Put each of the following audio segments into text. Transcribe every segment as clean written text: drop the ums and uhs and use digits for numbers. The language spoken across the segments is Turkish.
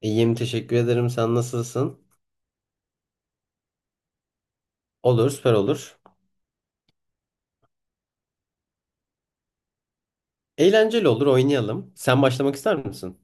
İyiyim, teşekkür ederim. Sen nasılsın? Olur, süper olur. Eğlenceli olur, oynayalım. Sen başlamak ister misin?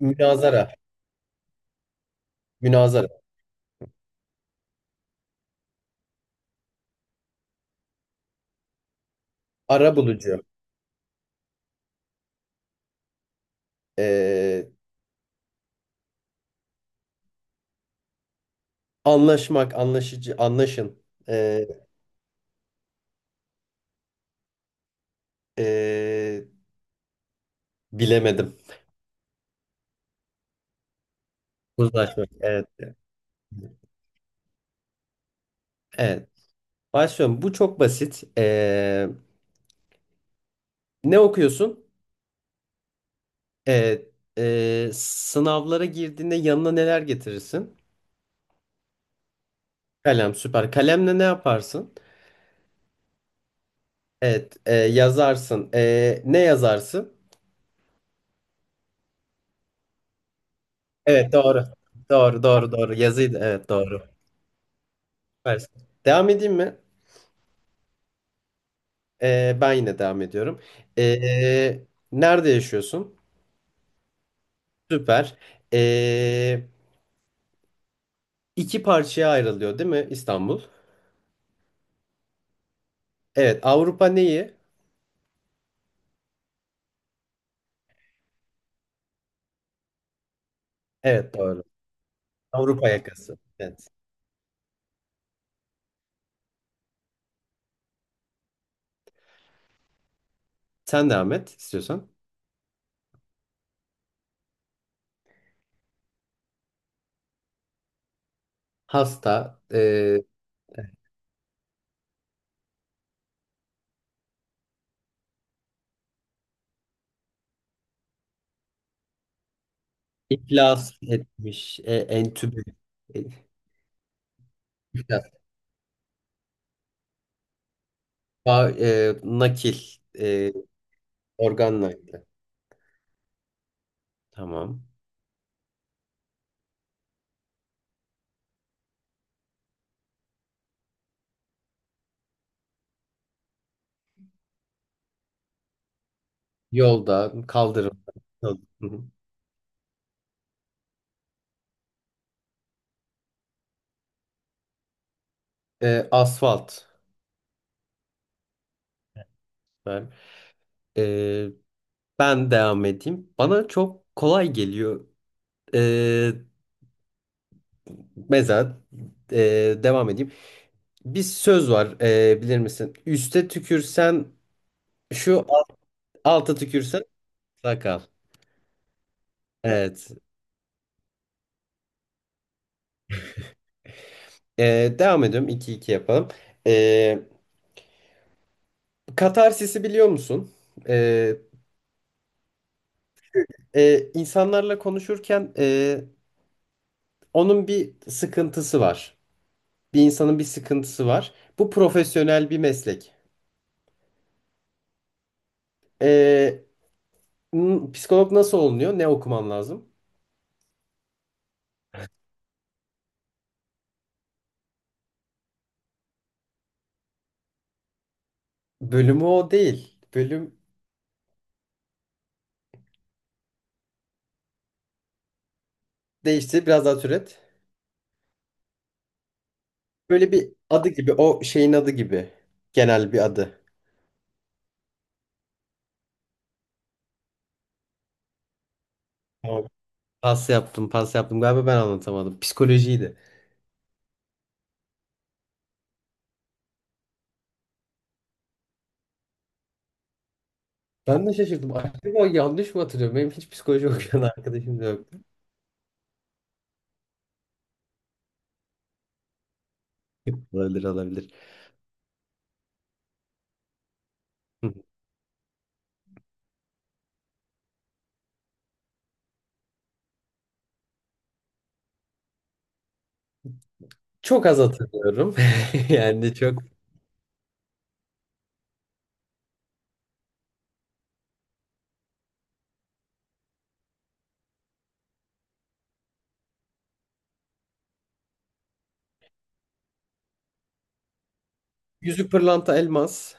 Münazara, münazara. Arabulucu. Ee, Anlaşmak, anlaşıcı, anlaşın. Ee, ee, Bilemedim. Uzlaşmak, evet. Evet. Başlıyorum. Bu çok basit. Ne okuyorsun? Ee, Sınavlara girdiğinde yanına neler getirirsin? Kalem, süper. Kalemle ne yaparsın? Evet, yazarsın. Ne yazarsın? Evet, doğru. Doğru, doğru, doğru. Yazıydı. Evet, doğru. Süpersin. Devam edeyim mi? Ben yine devam ediyorum. E, Nerede yaşıyorsun? Süper. E, iki parçaya ayrılıyor, değil mi İstanbul? Evet, Avrupa neyi? Evet, doğru. Avrupa yakası. Evet. Sen devam et istiyorsan. Hasta, iflas etmiş, entübe, e, iflas, nakil. e, Organ Knight'lı. Tamam. Yolda, kaldırım. Hı hı. Asfalt. Ben, E, ben devam edeyim. Bana çok kolay geliyor. E, Mesela e, devam edeyim. Bir söz var bilir misin? Üste tükürsen şu, al- alta tükürsen sakal. Evet. Devam ediyorum. 2 iki yapalım. E, Katarsis'i biliyor musun? E, insanlarla konuşurken onun bir sıkıntısı var. Bir insanın bir sıkıntısı var. Bu profesyonel bir meslek. Ee, Psikolog nasıl olunuyor? Ne okumam lazım? Bölümü o değil. Bölüm değişti. Biraz daha türet. Böyle bir adı gibi. O şeyin adı gibi. Genel bir adı. Tamam. Pas yaptım, pas yaptım. Galiba ben anlatamadım. Psikolojiydi. Ben de şaşırdım. Acaba yanlış mı hatırlıyorum? Benim hiç psikoloji okuyan arkadaşım da yok. Olabilir, olabilir. Hı. Çok az hatırlıyorum. Yani çok. Yüzük pırlanta elmas.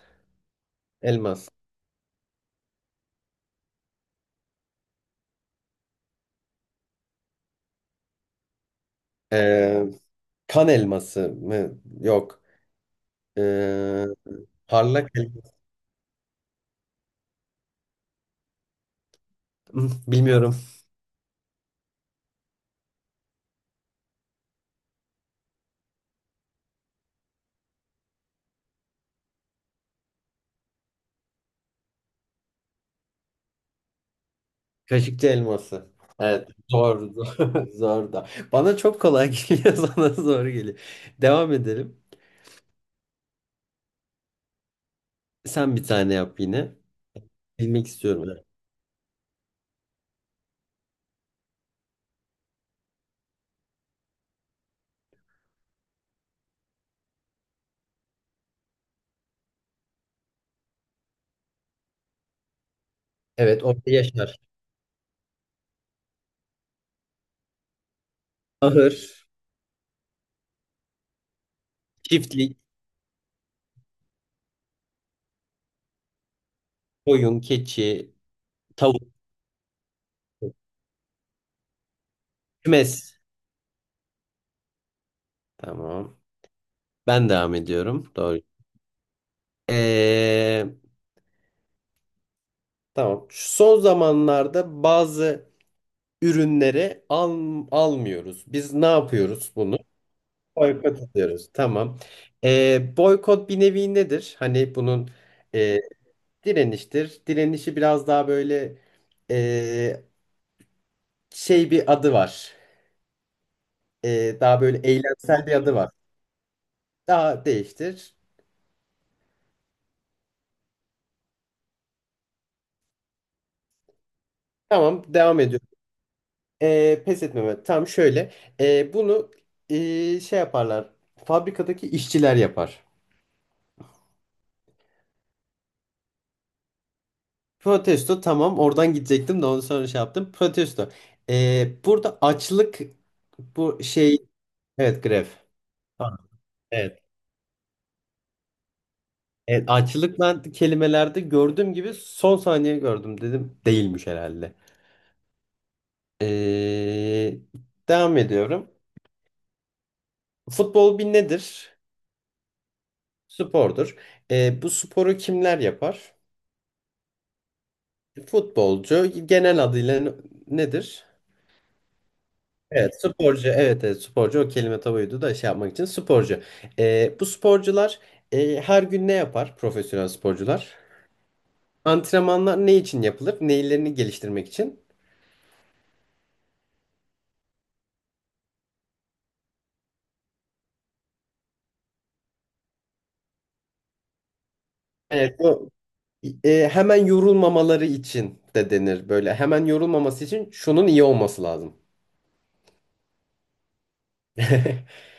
Elmas. Ee, Kan elması mı? Yok. Ee, Parlak elması. Bilmiyorum. Kaşıkçı elması. Evet. Zor. Zor zor da. Bana çok kolay geliyor. Sana zor geliyor. Devam edelim. Sen bir tane yap yine. Bilmek istiyorum. Evet. Evet, orada yaşar. Ahır, çiftlik, koyun, keçi, tavuk, kümes. Tamam. Ben devam ediyorum. Doğru. Ee, tamam. Şu son zamanlarda bazı ürünleri almıyoruz. Biz ne yapıyoruz bunu? Boykot ediyoruz. Tamam. Boykot bir nevi nedir? Hani bunun e, direniştir. Direnişi biraz daha böyle e, şey bir adı var. Daha böyle eylemsel bir adı var. Daha değiştir. Tamam. Devam ediyorum. Pes etmeme. Tam şöyle. Bunu şey yaparlar. Fabrikadaki işçiler yapar. Protesto tamam oradan gidecektim de onu sonra şey yaptım. Protesto. Burada açlık bu şey evet grev. Ha, evet. Evet, açlık ben kelimelerde gördüğüm gibi son saniye gördüm dedim. Değilmiş herhalde. E, Devam ediyorum. Futbol bir nedir? Spordur. Bu sporu kimler yapar? Futbolcu genel adıyla nedir? Evet, sporcu. Evet, evet, sporcu. O kelime tabuydu da şey yapmak için sporcu. Bu sporcular her gün ne yapar? Profesyonel sporcular. Antrenmanlar ne için yapılır? Neylerini geliştirmek için. Evet, bu hemen yorulmamaları için de denir böyle. Hemen yorulmaması için şunun iyi olması lazım.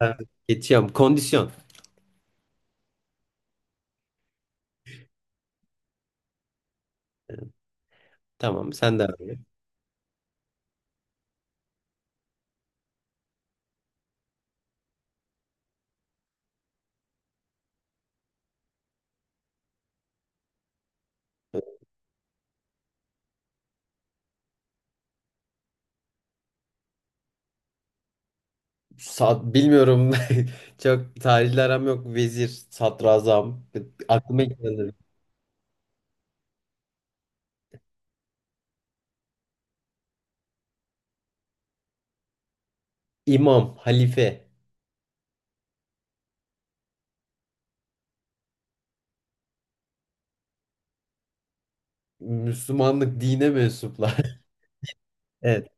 Ben geçiyorum. Kondisyon. Tamam, sen de, abi. Bilmiyorum. Çok tarihle aram yok. Vezir, sadrazam. Aklıma ilk geldi. İmam, halife. Müslümanlık dine mensuplar. Evet,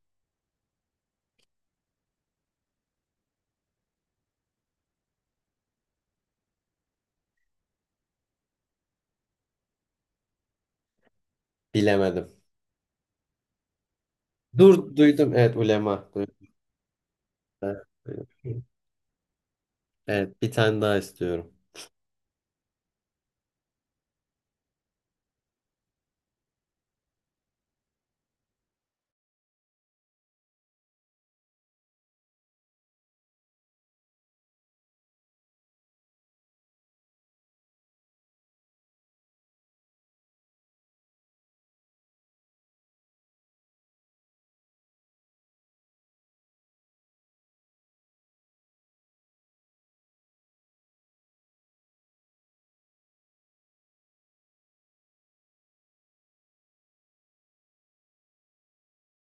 bilemedim. Dur, duydum. Evet, ulema. Duydum. Evet, duydum. Evet, bir tane daha istiyorum.